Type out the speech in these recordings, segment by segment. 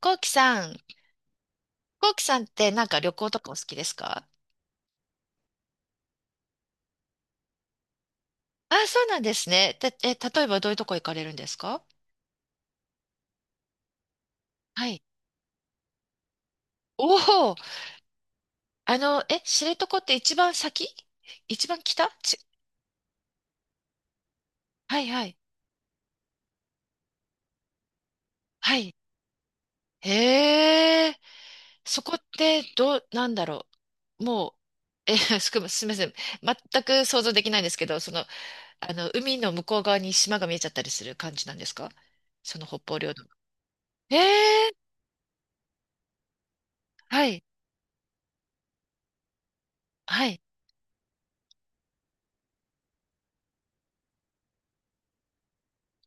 コウキさん、コウキさんってなんか旅行とかお好きですか？あ、そうなんですね。例えばどういうとこ行かれるんですか？はい。おお、あの、え、知床って一番先、一番はいはい。はい。へえ、そこってどう、なんだろう。もう、え、すみません。全く想像できないんですけど、その、あの、海の向こう側に島が見えちゃったりする感じなんですか？その北方領土。へえ、はい、はい。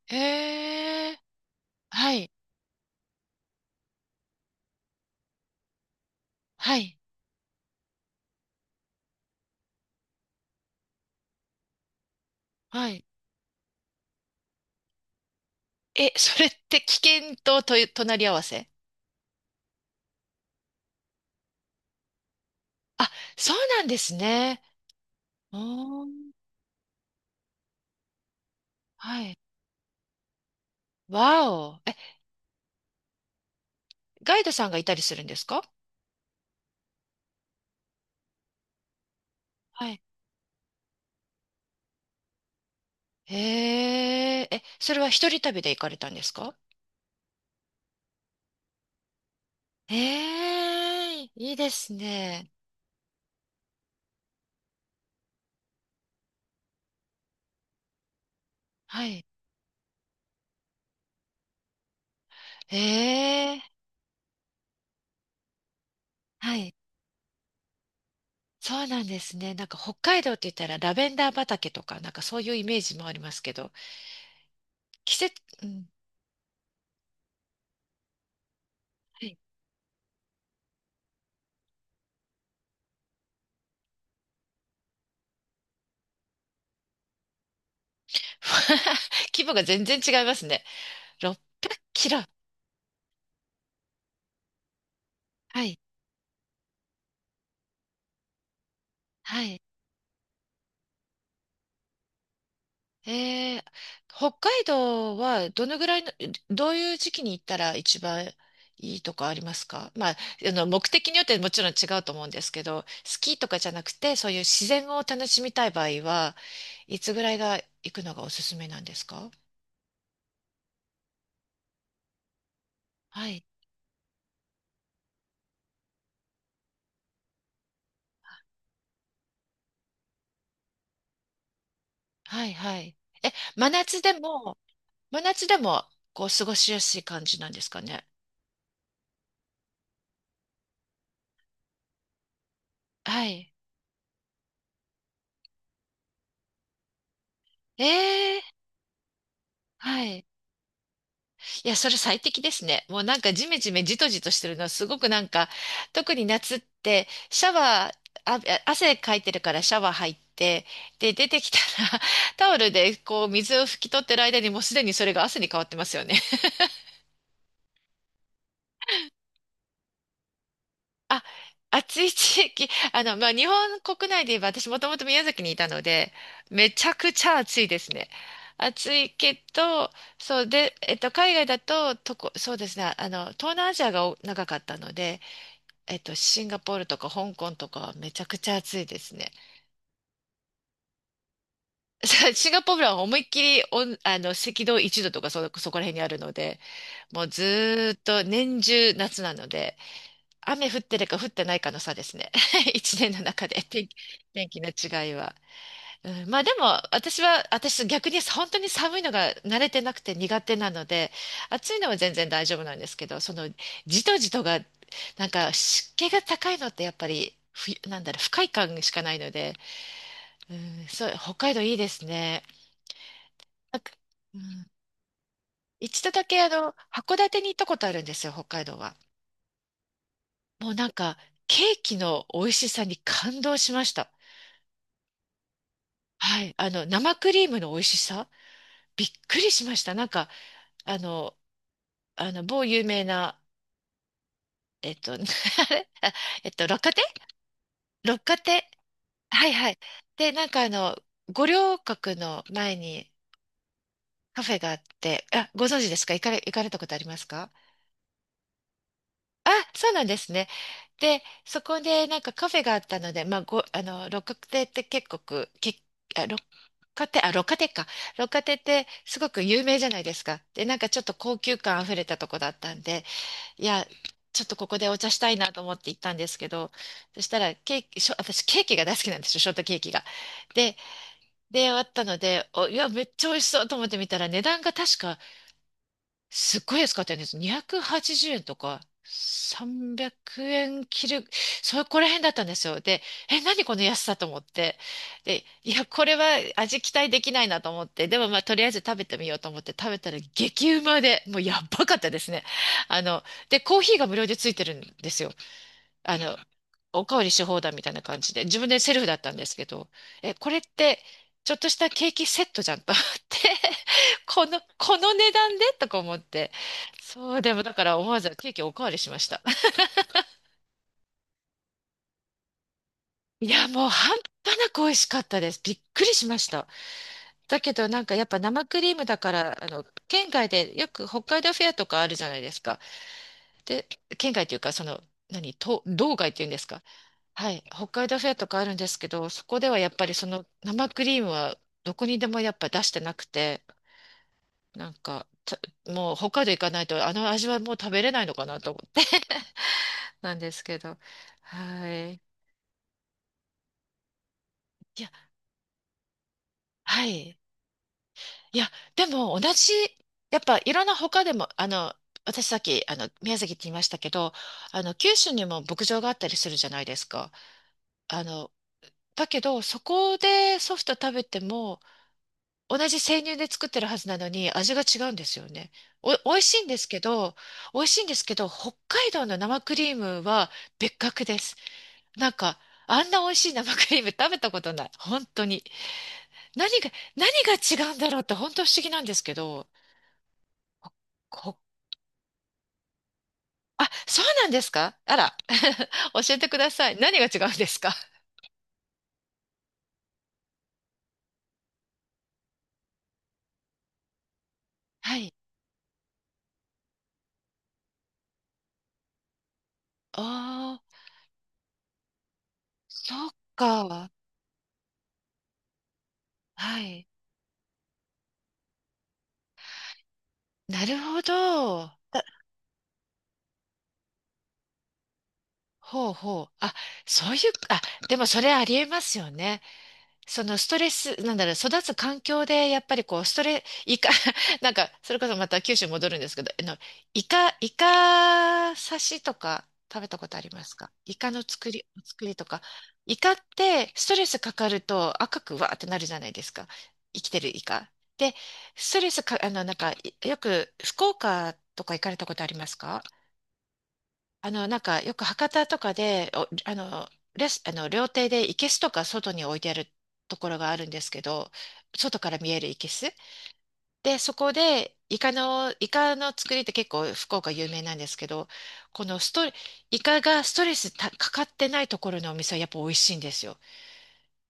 へえ。はい、はい、はい。え、それって危険と、と、隣り合わせ。あ、そうなんですね。おー、はい。わお。え、ガイドさんがいたりするんですか？はい。へえ、え、それは一人旅で行かれたんですか？ええ、いいですね。はい。ええ、はい。そうなんですね。なんか北海道って言ったらラベンダー畑とか、なんかそういうイメージもありますけど、季節、うん。はい。 規模が全然違いますね。600キロ。はい。はい。えー、北海道はどのぐらいの、どういう時期に行ったら一番いいとかありますか？まあ、あの、目的によってもちろん違うと思うんですけど、スキーとかじゃなくて、そういう自然を楽しみたい場合は、いつぐらいが行くのがおすすめなんですか？はい。はい、はい。え、真夏でも、真夏でも、こう、過ごしやすい感じなんですかね？はい。えー、はい。いや、それ最適ですね。もうなんかジメジメジトジトしてるのはすごくなんか、特に夏ってシャワー、あ、汗かいてるからシャワー入って、で、出てきたら タオルでこう水を拭き取ってる間にもうすでにそれが汗に変わってますよね。あ、暑い地域、あの、まあ、日本国内で言えば私もともと宮崎にいたので、めちゃくちゃ暑いですね。暑いけど、そうで、えっと、海外だと、とこ、そうですね、あの、東南アジアがお長かったので、えっと、シンガポールとか香港とかはめちゃくちゃ暑いですね。さシンガポールは思いっきりおん、あの、赤道1度とかそ、そこら辺にあるので、もうずーっと年中夏なので、雨降ってるか降ってないかの差ですね。一年の中で天気、天気の違いは。うんまあでも、私逆に本当に寒いのが慣れてなくて苦手なので、暑いのは全然大丈夫なんですけど、そのじとじとが、なんか湿気が高いのってやっぱり、ふ、なんだろう、不快感しかないので、うん、そう、北海道いいですね。なんかうん、一度だけあの、函館に行ったことあるんですよ、北海道は。もうなんか、ケーキの美味しさに感動しました。はい、あの、生クリームの美味しさ、びっくりしました。なんか、あの、あの、某有名な、あれあ六花亭、六花亭。はいはい。で、なんかあの、五稜郭の前にカフェがあって、あ、ご存知ですか？行かれ、行かれたことありますか？あ、そうなんですね。で、そこでなんかカフェがあったので、まあ、ご、あの、六花亭って結構く、け、あ、六花亭、あ、六花亭か。六花亭ってすごく有名じゃないですか。で、なんかちょっと高級感あふれたとこだったんで、いや、ちょっとここでお茶したいなと思って行ったんですけど、そしたらケーキ、しょ、私ケーキが大好きなんですよ、ショートケーキが。で、で、あったので、お、いや、めっちゃ美味しそうと思ってみたら、値段が確かすっごい安かったんです。280円とか300円切る、そこら辺だったんですよ。で、え、何この安さと思って。で、いや、これは味期待できないなと思って、でもまあ、とりあえず食べてみようと思って食べたら激うまで、もうやばかったですね。あの、で、コーヒーが無料でついてるんですよ。あの、おかわりし放題みたいな感じで、自分でセルフだったんですけど、え、これって、ちょっとしたケーキセットじゃんと思って、この値段でとか思って、そう、でもだから思わずケーキおかわりしました。いや、もう半端なく美味しかったです。びっくりしました。だけどなんかやっぱ生クリームだから、あの、県外でよく北海道フェアとかあるじゃないですか。で、県外というか、その、何、と道外っていうんですか。はい、北海道フェアとかあるんですけど、そこではやっぱりその生クリームはどこにでもやっぱ出してなくて、なんか、たもう北海道行かないとあの味はもう食べれないのかなと思って なんですけど。はい。いや、はい。いや、でも同じ、やっぱいろんな他でも、あの、私さっき、あの、宮崎って言いましたけど、あの、九州にも牧場があったりするじゃないですか。あの、だけど、そこでソフト食べても、同じ生乳で作ってるはずなのに味が違うんですよね。お、美味しいんですけど、美味しいんですけど、北海道の生クリームは別格です。なんか、あんな美味しい生クリーム 食べたことない。本当に。何が、何が違うんだろうって本当不思議なんですけど、ほほあ、そうなんですか？あら、教えてください。何が違うんですか？はい。ああ、そっか。はい。なるほど。ほうほう。あ、そういう、あ、でもそれありえますよね。そのストレス、なんだろう、育つ環境で、やっぱりこう、ストレ、イカ、なんか、それこそまた九州に戻るんですけど、あの、イカ、イカ刺しとか食べたことありますか？イカの作り、作りとか。イカって、ストレスかかると赤くわーってなるじゃないですか。生きてるイカ。で、ストレスか、あの、なんか、よく、福岡とか行かれたことありますか？あの、なんかよく博多とかで、お、あの、レス、あの、料亭で生けすとか外に置いてあるところがあるんですけど、外から見える生けす。で、そこで、イカの、イカの作りって結構福岡有名なんですけど、このストレ、イカがストレスたかかってないところのお店はやっぱ美味しいんですよ。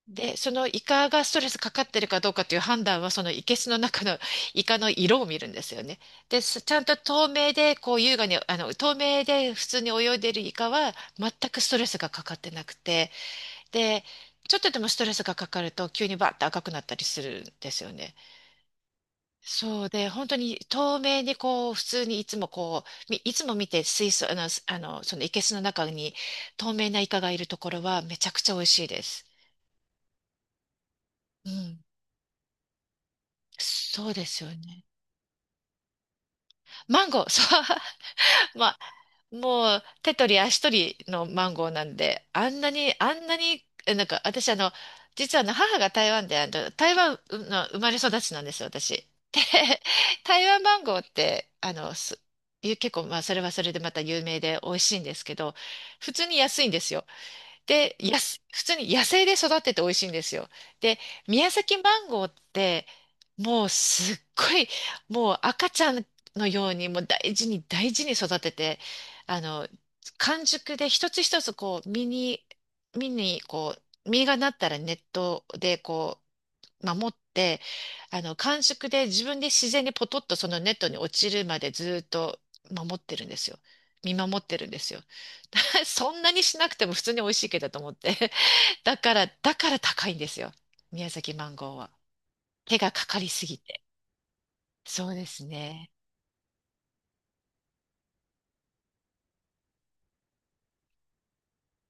で、そのイカがストレスかかってるかどうかという判断は、その生けすの中の イカの色を見るんですよね。で、すちゃんと透明で、こう優雅に、あの、透明で普通に泳いでるイカは、全くストレスがかかってなくて、で、ちょっとでもストレスがかかると、急にバッと赤くなったりするんですよね。そうで、本当に透明にこう、普通にいつもこう、みいつも見て水槽、あの、すあの、その生けすの中に透明なイカがいるところは、めちゃくちゃ美味しいです。うん。そうですよね。マンゴー、そう、まあ、もう手取り足取りのマンゴーなんで、あんなに、あんなに、えなんか私あの、実はあの母が台湾で、あの、台湾の生まれ育ちなんですよ、私。で、台湾マンゴーって、あの、す、ゆ結構、まあ、それはそれでまた有名で美味しいんですけど、普通に安いんですよ。で、やす、普通に野生で育ってて美味しいんですよ。で、宮崎マンゴーって、もうすっごい、もう赤ちゃんのように、もう大事に大事に育てて、あの、完熟で一つ一つこう、実に、実にこう、実がなったらネットでこう、守って、あの、感触で自分で自然にポトッとそのネットに落ちるまでずっと守ってるんですよ。見守ってるんですよ。そんなにしなくても普通に美味しいけどと思って。だから高いんですよ。宮崎マンゴーは。手がかかりすぎて。そうですね。